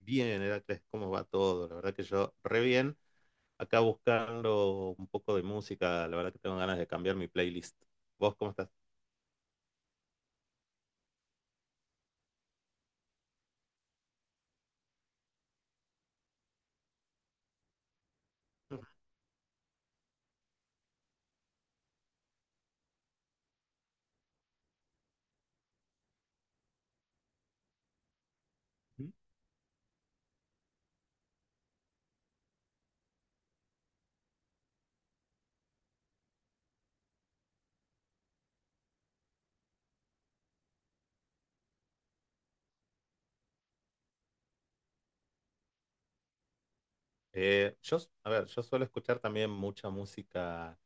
Bien, Heracles, ¿cómo va todo? La verdad que yo re bien. Acá buscando un poco de música, la verdad que tengo ganas de cambiar mi playlist. ¿Vos cómo estás? Ujú. Eh, yo, a ver, yo suelo escuchar también mucha música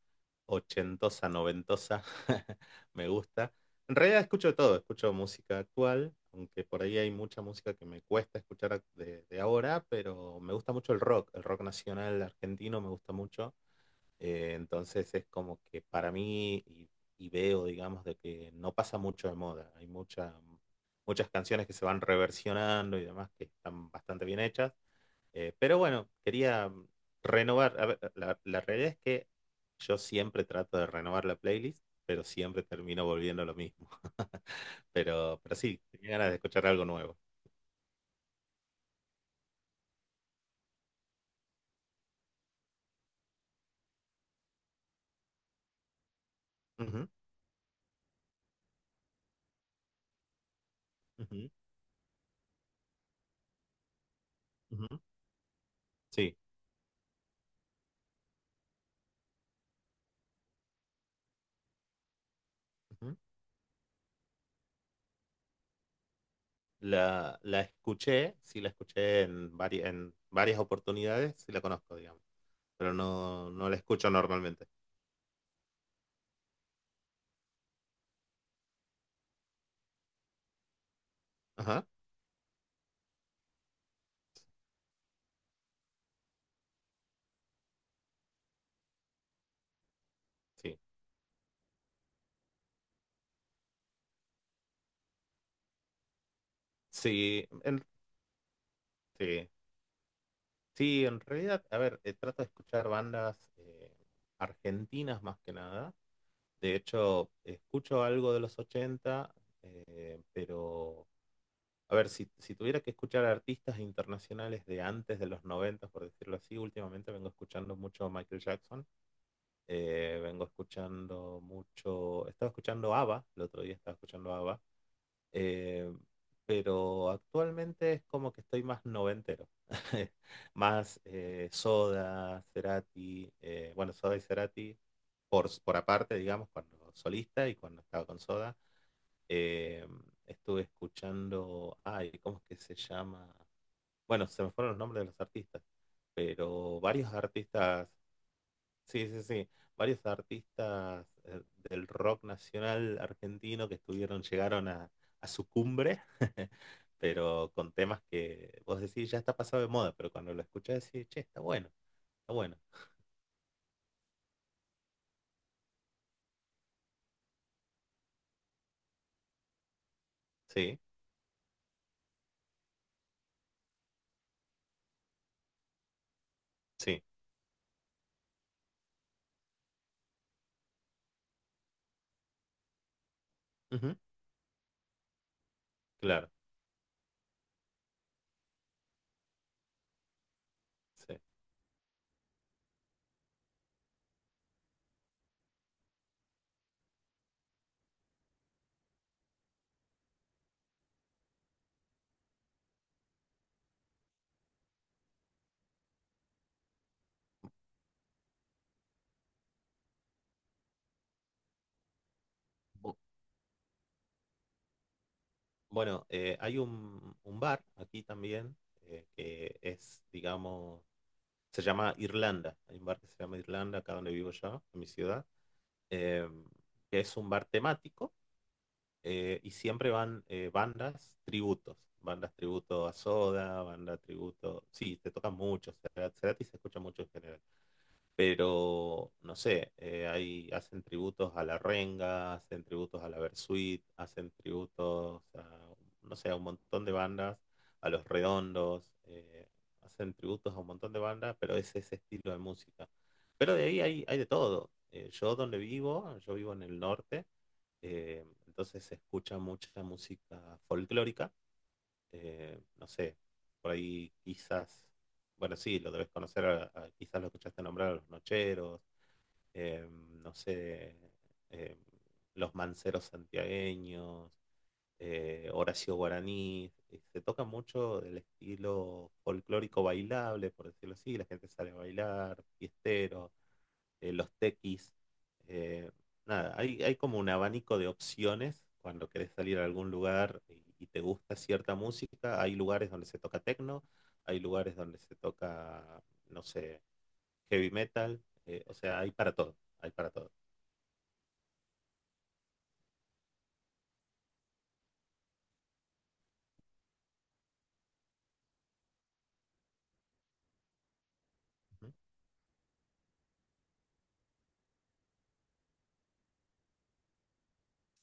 ochentosa, noventosa. Me gusta. En realidad escucho de todo, escucho música actual, aunque por ahí hay mucha música que me cuesta escuchar de ahora, pero me gusta mucho el rock nacional argentino me gusta mucho. Entonces es como que para mí, y veo, digamos, de que no pasa mucho de moda. Muchas canciones que se van reversionando y demás que están bastante bien hechas. Pero bueno, quería renovar. A ver, la realidad es que yo siempre trato de renovar la playlist, pero siempre termino volviendo a lo mismo. Pero sí, tenía ganas de escuchar algo nuevo. Ujú, ujú, ujú. Sí. La escuché, sí la escuché en varias oportunidades, sí la conozco, digamos, pero no la escucho normalmente. Ajá, sí. Sí, en, sí, sí, en realidad, a ver, trato de escuchar bandas argentinas más que nada. De hecho, escucho algo de los 80 eh, pero, a ver, si tuviera que escuchar artistas internacionales de antes de los 90, por decirlo así, últimamente vengo escuchando mucho Michael Jackson. Vengo escuchando mucho, estaba escuchando ABBA, el otro día estaba escuchando ABBA, eh, pero actualmente es como que estoy más noventero, más Soda, Cerati, bueno, Soda y Cerati por aparte, digamos, cuando solista y cuando estaba con Soda, eh, estuve escuchando, ay, ¿cómo es que se llama? Bueno, se me fueron los nombres de los artistas, pero varios artistas. Sí, sí, sí. Varios artistas del rock nacional argentino que estuvieron, llegaron a su cumbre, pero con temas que vos decís ya está pasado de moda, pero cuando lo escuchás decís, che, está bueno, está bueno. Sí, sí, ujú, claro, sí. Bu- Bueno, hay un bar aquí también eh, que es, digamos, se llama Irlanda. Hay un bar que se llama Irlanda, acá donde vivo yo, en mi ciudad, em, que es un bar temático y siempre van bandas tributos, bandas tributo a Soda, banda tributo, sí, te tocan mucho, Cerati se escucha mucho en general, pero no sé, hacen tributos a la Renga, hacen tributos a la Bersuit, hacen tributos a, no sé, a un montón de bandas, a Los Redondos, hacen tributos a un montón de bandas, pero es ese estilo de música. Pero de ahí hay, hay de todo. Yo vivo en el norte, entonces se escucha mucha música folclórica, no sé, por ahí quizás, bueno, sí, lo debes conocer, quizás lo escuchaste nombrar a los Nocheros, eh, no sé, eh, los Manceros santiagueños, Horacio Guaraní, se toca mucho el estilo folclórico bailable, por decirlo así, la gente sale a bailar, fiestero, los tequis. eh, Nada, hay como un abanico de opciones cuando querés salir a algún lugar y te gusta cierta música. Hay lugares donde se toca techno, hay lugares donde se toca, no sé, heavy metal. O sea, hay para todo, hay para todo. Ujú.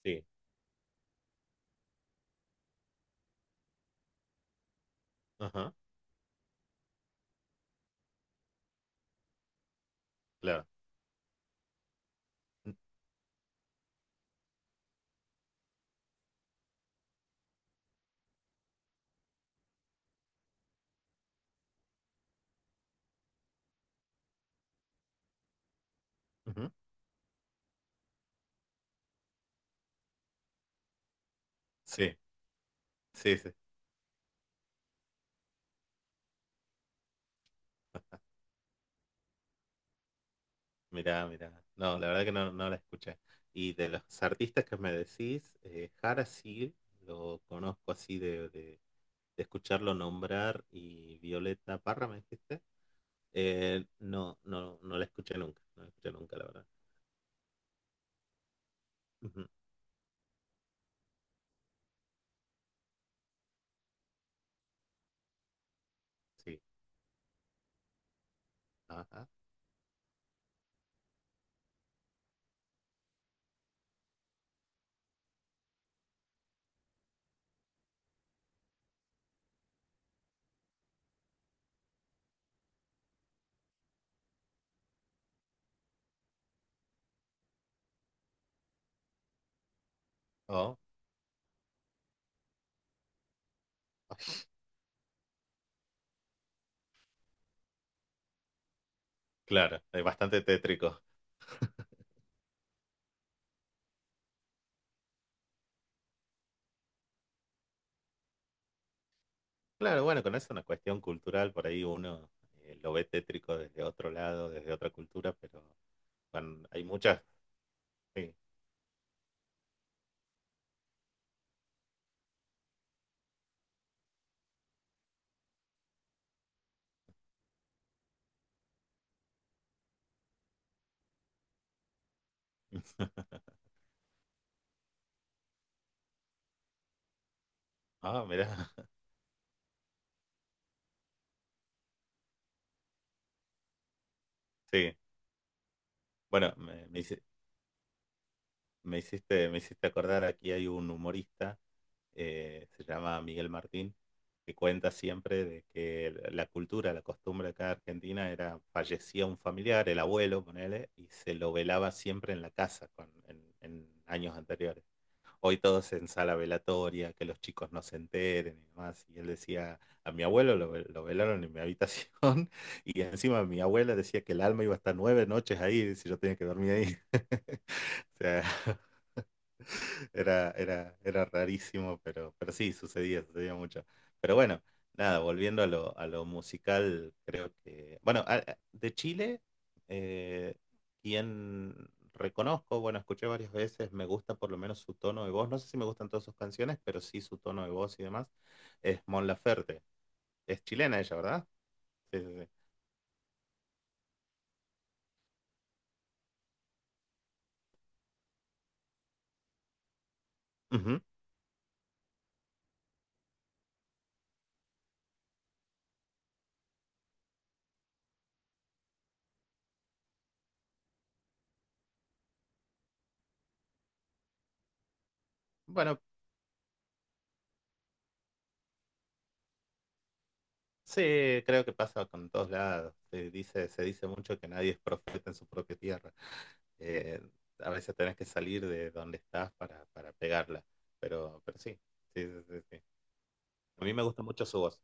Sí, ajá, claro. Ujú. Sí, sí, sí. Mirá, mirá. No, la verdad que no, no la escuché. Y de los artistas que me decís, Jara sí, lo conozco así de escucharlo nombrar, y Violeta Parra, ¿me dijiste? No la escuché nunca, no la escuché nunca, la verdad. Ujú, sí, ajá. Oh, claro, es bastante tétrico. Claro, bueno, con eso es una cuestión cultural, por ahí uno lo ve tétrico desde otro lado, desde otra cultura, pero cuando- hay muchas, sí. Ah, mirá, sí. Bueno, me hiciste acordar, aquí hay un humorista se llama Miguel Martín, que cuenta siempre de que la cultura, la costumbre acá de Argentina era, fallecía un familiar, el abuelo, ponele, y se lo velaba siempre en la casa en años anteriores. Hoy todos en sala velatoria, que los chicos no se enteren y demás. Y él decía, a mi abuelo lo velaron en mi habitación y encima mi abuela decía que el alma iba a estar nueve noches ahí, si yo tenía que dormir ahí. O sea, era, era, era rarísimo, pero sí, sucedía, sucedía mucho. Pero bueno, nada, volviendo a lo musical, creo que... Bueno, de Chile, eh, quien reconozco, bueno, escuché varias veces, me gusta por lo menos su tono de voz, no sé si me gustan todas sus canciones, pero sí su tono de voz y demás, es Mon Laferte. Es chilena ella, ¿verdad? Sí, sí, sí. Ujú. Bueno, sí, creo que pasa con todos lados. Se dice mucho que nadie es profeta en su propia tierra. Eh, a veces tenés que salir de donde estás para pegarla. Pero sí, sí, sí, sí, sí. A mí me gusta mucho su voz.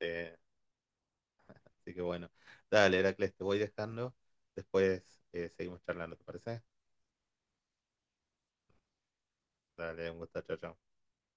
Eh, Así que bueno. Dale, Heracles, te voy dejando. Después seguimos charlando, ¿te parece? Dale, un gusto, chao, chao.